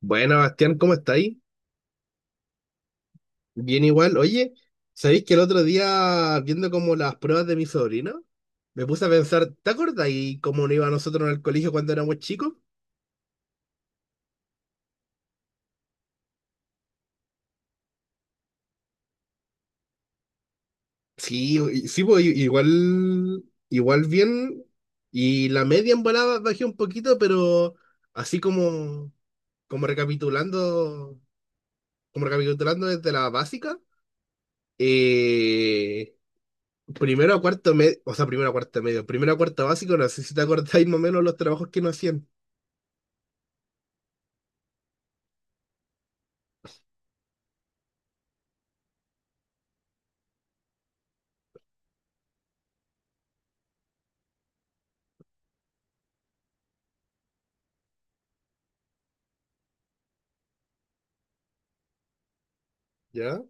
Bueno, Bastián, ¿cómo estáis? Bien igual. Oye, ¿sabéis que el otro día, viendo como las pruebas de mi sobrino, me puse a pensar, ¿te acordáis cómo nos iba a nosotros en el colegio cuando éramos chicos? Sí, igual, igual bien. Y la media en volada bajé un poquito, pero así como, como recapitulando, como recapitulando desde la básica, eh, primero a cuarto medio, o sea, primero a cuarto medio, primero a cuarto básico, no sé si te acordáis más o menos los trabajos que nos hacían. ¿Ya?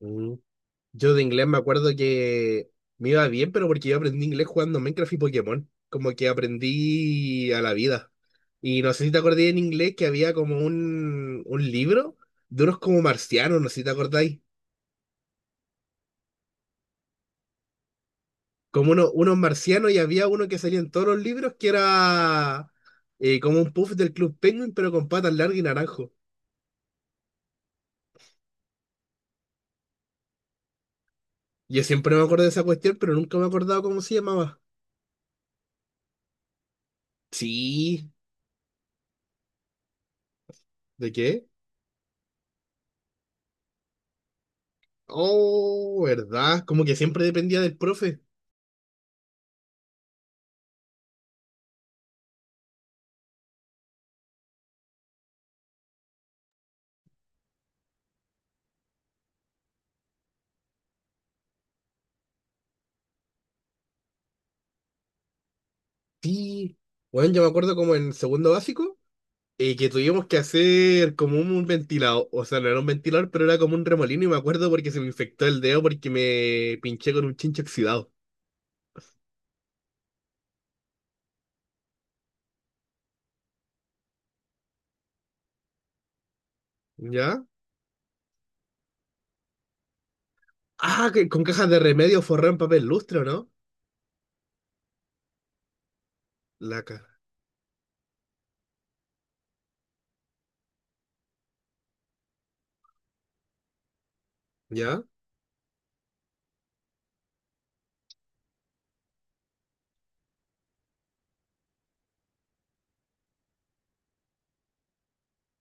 Mm. Yo de inglés me acuerdo que me iba bien, pero porque yo aprendí inglés jugando Minecraft y Pokémon. Como que aprendí a la vida. Y no sé si te acordé en inglés que había como un libro de unos como marcianos, no sé si te acordáis. Como unos marcianos y había uno que salía en todos los libros que era como un puff del Club Penguin, pero con patas largas y naranjo. Yo siempre me acuerdo de esa cuestión, pero nunca me he acordado cómo se llamaba. Sí, ¿de qué? Oh, ¿verdad? Como que siempre dependía del profe. Sí. Bueno, yo me acuerdo como en segundo básico, que tuvimos que hacer como un, ventilador. O sea, no era un ventilador, pero era como un remolino. Y me acuerdo porque se me infectó el dedo porque me pinché con un chinche oxidado. ¿Ya? Ah, que con cajas de remedio forré en papel lustre, ¿o no? Laca. ¿Ya?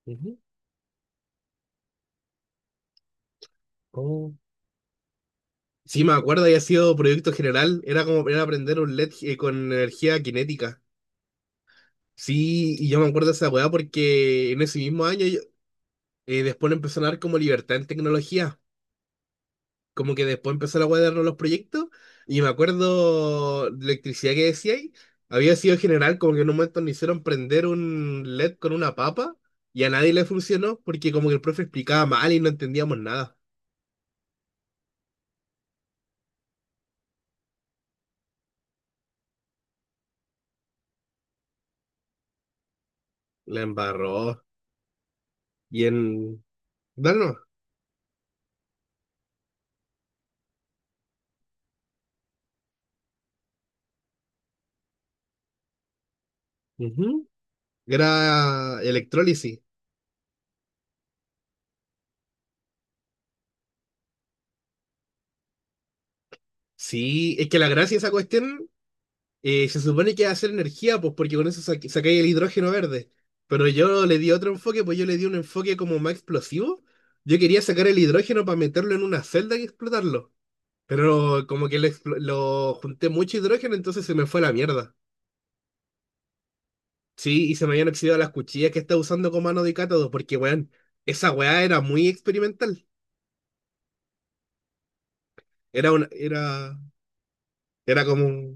Ujú. Oh. Sí, me acuerdo, había sido proyecto general. Era como era aprender un LED con energía cinética. Sí, y yo me acuerdo de esa weá porque en ese mismo año después le empezó a dar como libertad en tecnología. Como que después empezó la weá de darnos los proyectos. Y me acuerdo, la electricidad que decía ahí, había sido general, como que en un momento nos hicieron prender un LED con una papa y a nadie le funcionó porque como que el profe explicaba mal y no entendíamos nada. La embarró. Y en... Dano. Ujú. Era electrólisis. Sí, es que la gracia de esa cuestión. Se supone que va a ser energía, pues porque con eso saca sacáis el hidrógeno verde. Pero yo le di otro enfoque, pues yo le di un enfoque como más explosivo. Yo quería sacar el hidrógeno para meterlo en una celda y explotarlo. Pero como que lo junté mucho hidrógeno, entonces se me fue a la mierda. Sí, y se me habían oxidado las cuchillas que estaba usando como mano de cátodo, porque, weón, esa weá era muy experimental. Era una, era, Era como,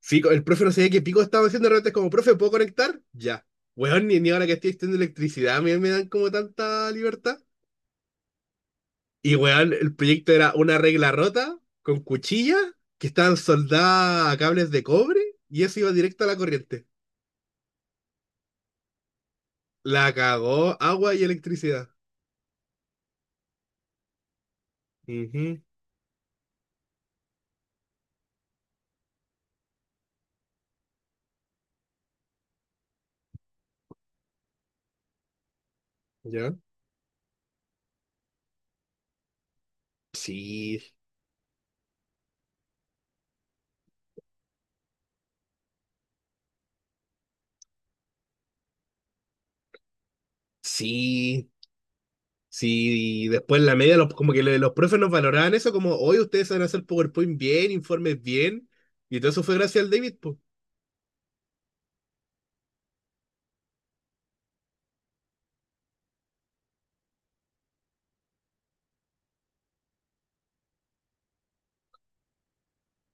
sí, el profe no sabía qué pico estaba haciendo, de repente es como, profe, ¿puedo conectar? Ya. Weón, ni ahora que estoy estudiando electricidad me dan como tanta libertad. Y weón, el proyecto era una regla rota con cuchillas que estaban soldadas a cables de cobre y eso iba directo a la corriente. La cagó agua y electricidad. Ujú. ¿Ya? Sí, sí, sí. Y después en la media, los profes nos valoraban eso, como, hoy ustedes saben hacer PowerPoint bien, informes bien. Y todo eso fue gracias al David, po.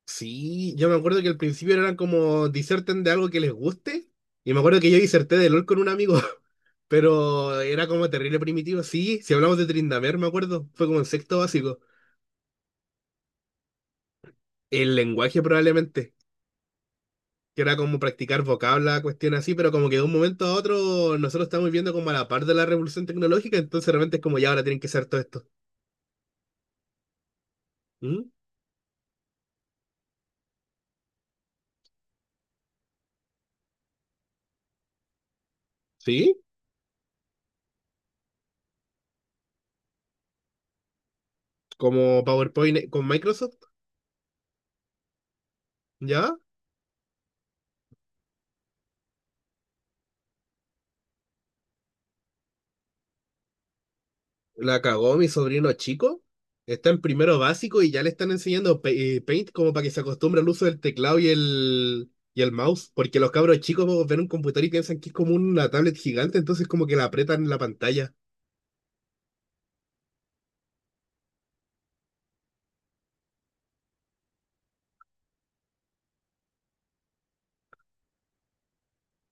Sí, yo me acuerdo que al principio eran como diserten de algo que les guste. Y me acuerdo que yo diserté de LOL con un amigo, pero era como terrible primitivo. Sí, si hablamos de Trindamer, me acuerdo, fue como en sexto básico. El lenguaje probablemente, que era como practicar vocabla, cuestión así, pero como que de un momento a otro nosotros estamos viviendo como a la par de la revolución tecnológica, entonces realmente es como ya ahora tienen que hacer todo esto. ¿Mm? ¿Sí? Como PowerPoint con Microsoft, ¿ya? La cagó mi sobrino chico. Está en primero básico y ya le están enseñando Paint como para que se acostumbre al uso del teclado y y el mouse. Porque los cabros chicos ven un computador y piensan que es como una tablet gigante, entonces como que la apretan en la pantalla.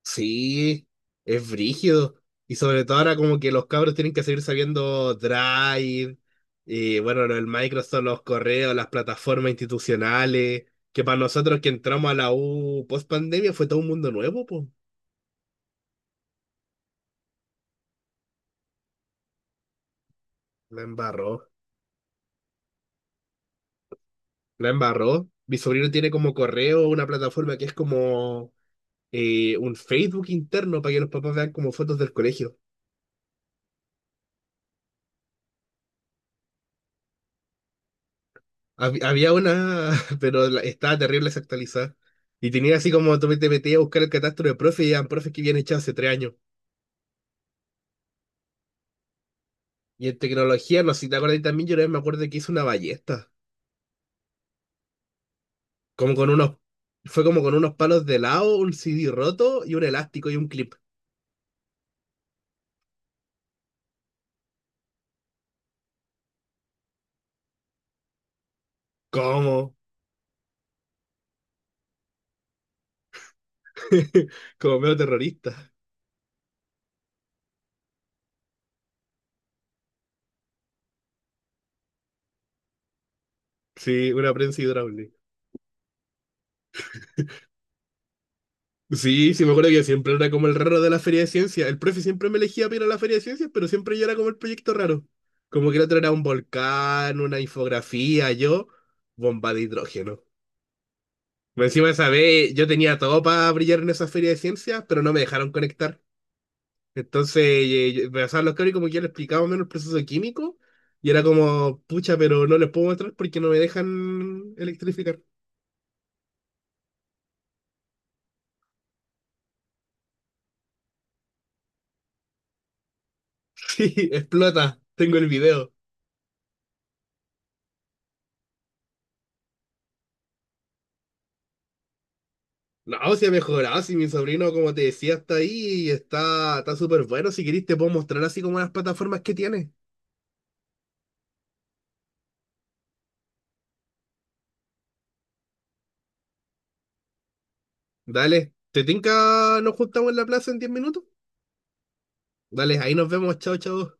Sí, es brígido. Y sobre todo ahora como que los cabros tienen que seguir sabiendo Drive, y bueno, el Microsoft, los correos, las plataformas institucionales, que para nosotros que entramos a la U post pandemia fue todo un mundo nuevo, pues. La embarró. La embarró. Mi sobrino tiene como correo una plataforma que es como un Facebook interno para que los papás vean como fotos del colegio. Había una, pero estaba terrible desactualizada. Y tenía así como tú te metías a buscar el catastro de profe y eran profes que habían echado hace 3 años. Y en tecnología, no sé si te acuerdas también, yo una vez me acuerdo que hice una ballesta. Como con unos, Fue como con unos palos de lado, un CD roto y un elástico y un clip. ¿Cómo? Como medio terrorista. Sí, una prensa hidráulica. Sí, sí, me acuerdo que yo siempre era como el raro de la feria de ciencias. El profe siempre me elegía para ir a la feria de ciencias, pero siempre yo era como el proyecto raro. Como que el otro era un volcán, una infografía, yo, bomba de hidrógeno. Pues encima de esa vez yo tenía todo para brillar en esa feria de ciencias, pero no me dejaron conectar. Entonces me pasaban los cabros y como que ya les explicaba menos el proceso químico y era como, pucha, pero no les puedo mostrar porque no me dejan electrificar. Sí, explota, tengo el video. No, si ha mejorado, si mi sobrino, como te decía, está ahí y está, está súper bueno. Si querés, te puedo mostrar así como las plataformas que tiene. Dale, ¿te tinca? Nos juntamos en la plaza en 10 minutos. Dale, ahí nos vemos. Chao, chao.